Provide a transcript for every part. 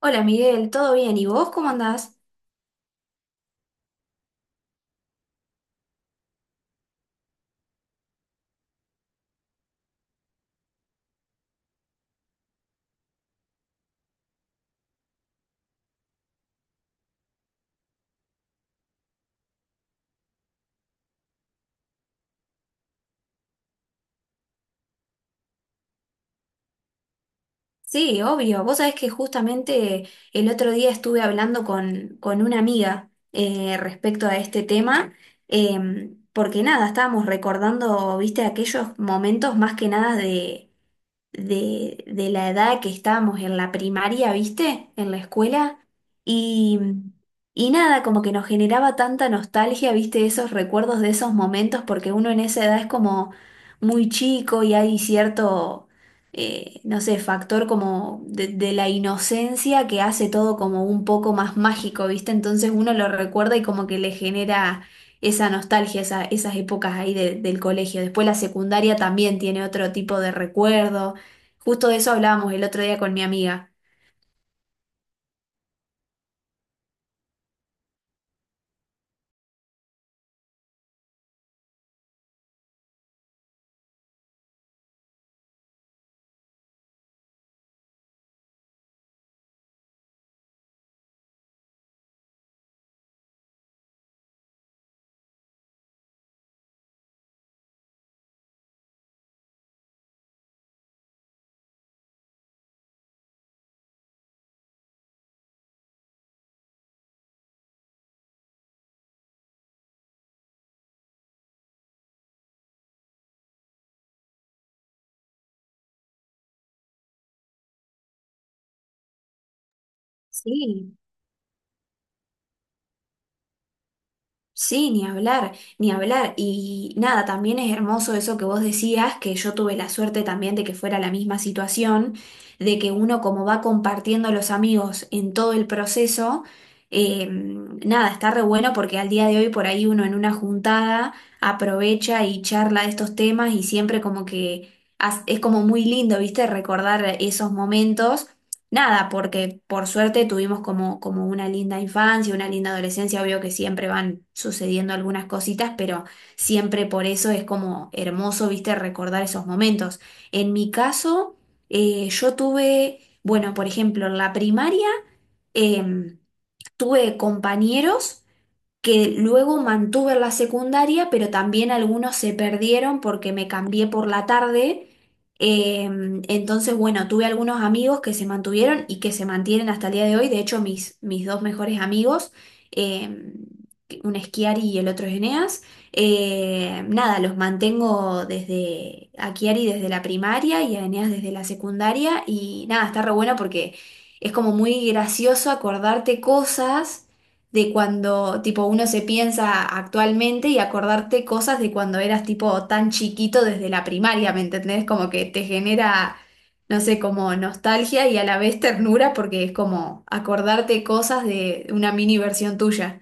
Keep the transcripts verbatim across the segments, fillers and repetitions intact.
Hola Miguel, ¿todo bien? ¿Y vos cómo andás? Sí, obvio. Vos sabés que justamente el otro día estuve hablando con, con una amiga, eh, respecto a este tema. Em, porque nada, estábamos recordando, viste, aquellos momentos más que nada de, de la edad que estábamos en la primaria, ¿viste? En la escuela. Y, y nada, como que nos generaba tanta nostalgia, ¿viste? Esos recuerdos de esos momentos, porque uno en esa edad es como muy chico y hay cierto, eh, no sé, factor como de, de la inocencia que hace todo como un poco más mágico, ¿viste? Entonces uno lo recuerda y como que le genera esa nostalgia, esa- esas épocas ahí de- del colegio. Después la secundaria también tiene otro tipo de recuerdo. Justo de eso hablábamos el otro día con mi amiga. Sí, sí, ni hablar, ni hablar. Y nada, también es hermoso eso que vos decías, que yo tuve la suerte también de que fuera la misma situación, de que uno como va compartiendo los amigos en todo el proceso. Eh, nada, está re bueno porque al día de hoy por ahí uno en una juntada aprovecha y charla de estos temas y siempre como que has- es como muy lindo, ¿viste? Recordar esos momentos. Nada, porque por suerte tuvimos como, como una linda infancia, una linda adolescencia, obvio que siempre van sucediendo algunas cositas, pero siempre por eso es como hermoso, viste, recordar esos momentos. En mi caso, eh, yo tuve, bueno, por ejemplo, en la primaria em, tuve compañeros que luego mantuve en la secundaria, pero también algunos se perdieron porque me cambié por la tarde. Eh, entonces, bueno, tuve algunos amigos que se mantuvieron y que se mantienen hasta el día de hoy. De hecho, mis, mis dos mejores amigos, eh, un es Chiari y el otro es Eneas. Eh, nada, los mantengo desde a Chiari desde la primaria y a Eneas desde la secundaria. Y nada, está re bueno porque es como muy gracioso acordarte cosas de cuando tipo uno se piensa actualmente y acordarte cosas de cuando eras tipo tan chiquito desde la primaria, ¿me entendés? Como que te genera, no sé, como nostalgia y a la vez ternura porque es como acordarte cosas de una mini versión tuya.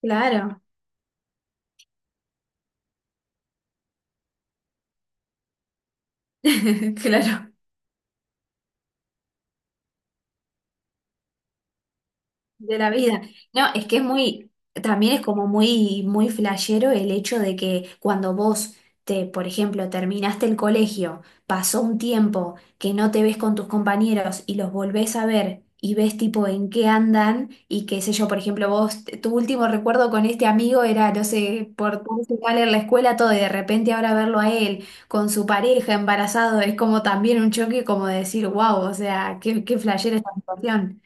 Claro, claro. De la vida. No, es que es muy, también es como muy, muy flashero el hecho de que cuando vos te, por ejemplo, terminaste el colegio, pasó un tiempo que no te ves con tus compañeros y los volvés a ver y ves tipo en qué andan y qué sé yo. Por ejemplo, vos, tu último recuerdo con este amigo era, no sé, por tal en la escuela todo y de repente ahora verlo a él con su pareja embarazado es como también un choque como de decir, wow, o sea, qué, qué flashera esta situación.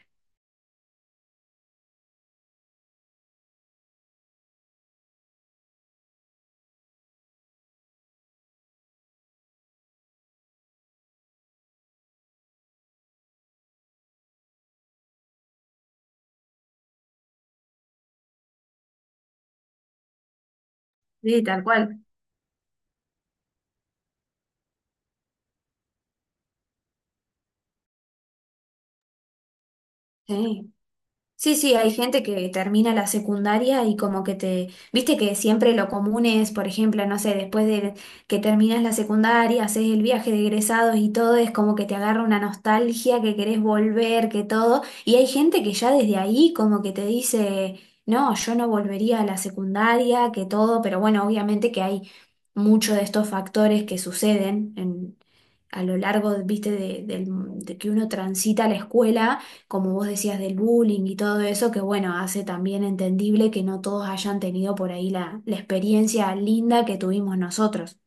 Sí, tal cual. Sí, sí, sí, hay gente que termina la secundaria y como que te, viste que siempre lo común es, por ejemplo, no sé, después de que terminas la secundaria, haces el viaje de egresados y todo, es como que te agarra una nostalgia, que querés volver, que todo, y hay gente que ya desde ahí como que te dice, no, yo no volvería a la secundaria, que todo, pero bueno, obviamente que hay muchos de estos factores que suceden en- a lo largo, viste, de, del- de que uno transita la escuela como vos decías, del bullying y todo eso, que bueno, hace también entendible que no todos hayan tenido por ahí la, la experiencia linda que tuvimos nosotros.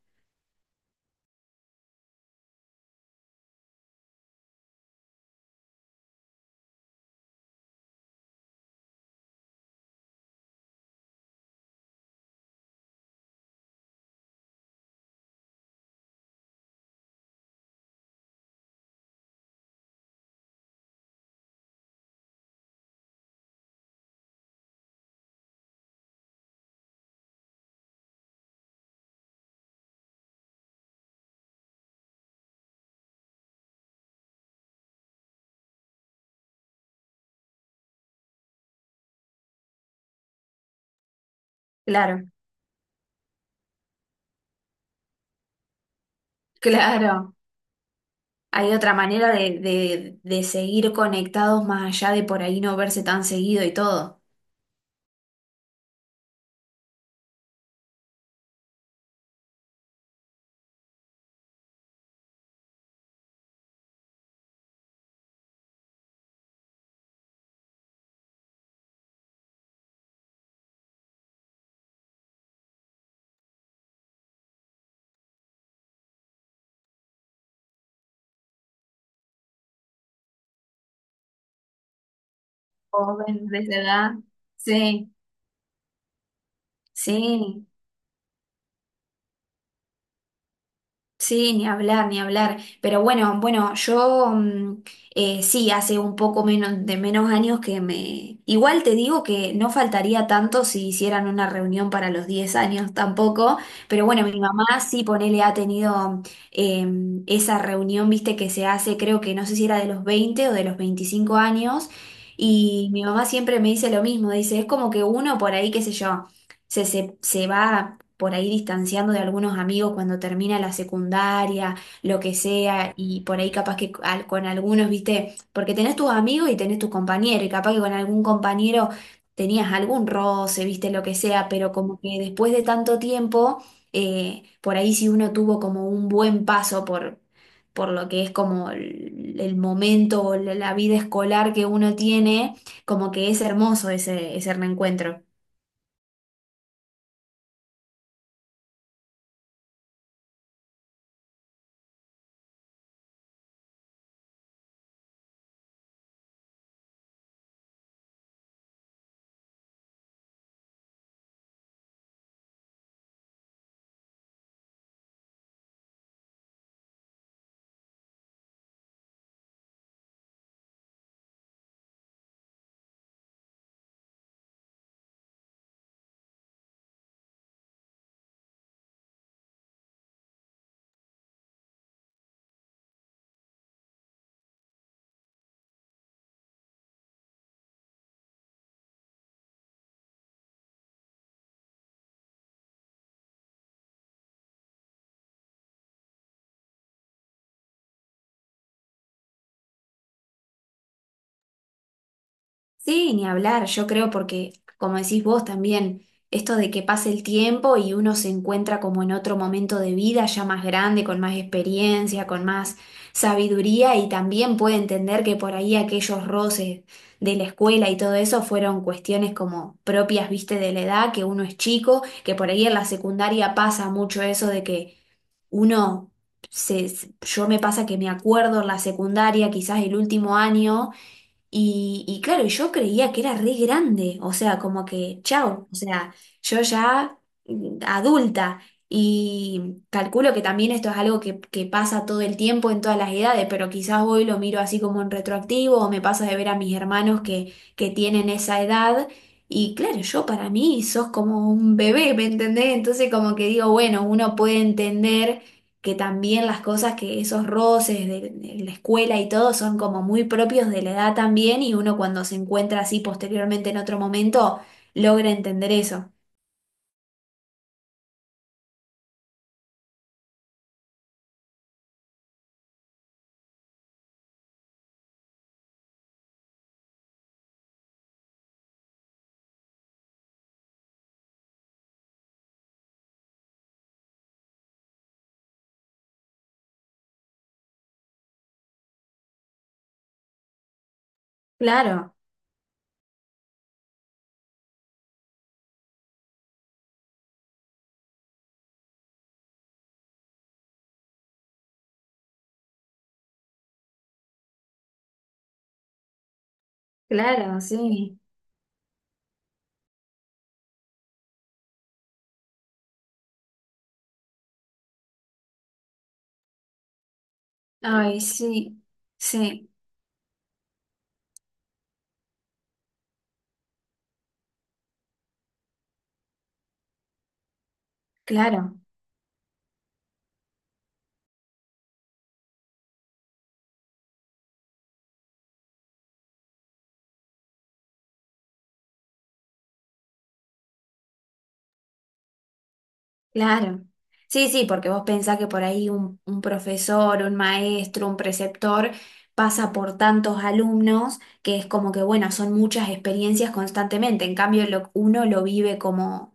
Claro, claro. Hay otra manera de, de, de seguir conectados más allá de por ahí no verse tan seguido y todo. Jóvenes de esa edad. Sí, sí. Sí, ni hablar, ni hablar. Pero bueno, bueno, yo mm, eh, sí, hace un poco menos de menos años que me... Igual te digo que no faltaría tanto si hicieran una reunión para los diez años tampoco, pero bueno, mi mamá sí, ponele, ha tenido eh, esa reunión, viste, que se hace, creo que no sé si era de los veinte o de los veinticinco años, y mi mamá siempre me dice lo mismo, dice, es como que uno por ahí, qué sé yo. Se, se, se va por ahí distanciando de algunos amigos cuando termina la secundaria, lo que sea, y por ahí capaz que al- con algunos, viste, porque tenés tus amigos y tenés tus compañeros, y capaz que con algún compañero tenías algún roce, viste, lo que sea, pero como que después de tanto tiempo, eh, por ahí si uno tuvo como un buen paso por... por lo que es como el, el momento o la la vida escolar que uno tiene, como que es hermoso ese, ese reencuentro. Sí, ni hablar, yo creo porque, como decís vos también, esto de que pase el tiempo y uno se encuentra como en otro momento de vida, ya más grande, con más experiencia, con más sabiduría y también puede entender que por ahí aquellos roces de la escuela y todo eso fueron cuestiones como propias, viste, de la edad, que uno es chico, que por ahí en la secundaria pasa mucho eso de que uno se, se- yo me pasa que me acuerdo en la secundaria, quizás el último año y, y claro, y yo creía que era re grande, o sea, como que, chao, o sea, yo ya mm, adulta y calculo que también esto es algo que, que pasa todo el tiempo en todas las edades, pero quizás hoy lo miro así como en retroactivo o me pasa de ver a mis hermanos que, que tienen esa edad y claro, yo para mí sos como un bebé, ¿me entendés? Entonces como que digo, bueno, uno puede entender que también las cosas que esos roces de, de la escuela y todo son como muy propios de la edad también y uno cuando se encuentra así posteriormente en otro momento logra entender eso. Claro, claro, sí. Ay, sí, sí, claro, claro. Sí, sí, porque vos pensás que por ahí un, un profesor, un maestro, un preceptor pasa por tantos alumnos que es como que, bueno, son muchas experiencias constantemente. En cambio, lo- uno lo vive como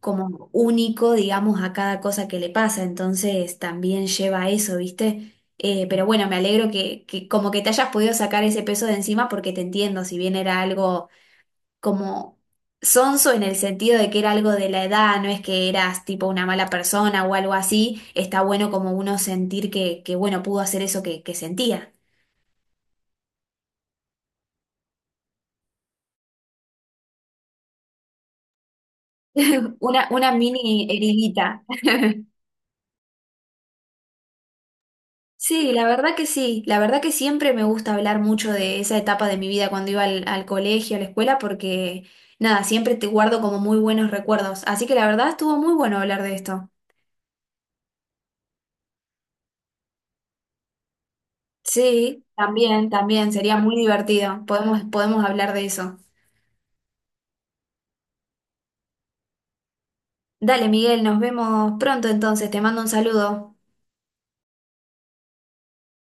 como único, digamos, a cada cosa que le pasa. Entonces también lleva a eso, ¿viste? Eh, pero bueno, me alegro que, que como que te hayas podido sacar ese peso de encima porque te entiendo, si bien era algo como sonso en el sentido de que era algo de la edad, no es que eras tipo una mala persona o algo así, está bueno como uno sentir que, que bueno, pudo hacer eso que, que sentía. Una, una mini heridita. Sí, la verdad que sí, la verdad que siempre me gusta hablar mucho de esa etapa de mi vida cuando iba al, al colegio, a la escuela, porque nada, siempre te guardo como muy buenos recuerdos, así que la verdad estuvo muy bueno hablar de esto. Sí, también, también, sería muy divertido, podemos, podemos hablar de eso. Dale, Miguel, nos vemos pronto entonces, te mando un saludo.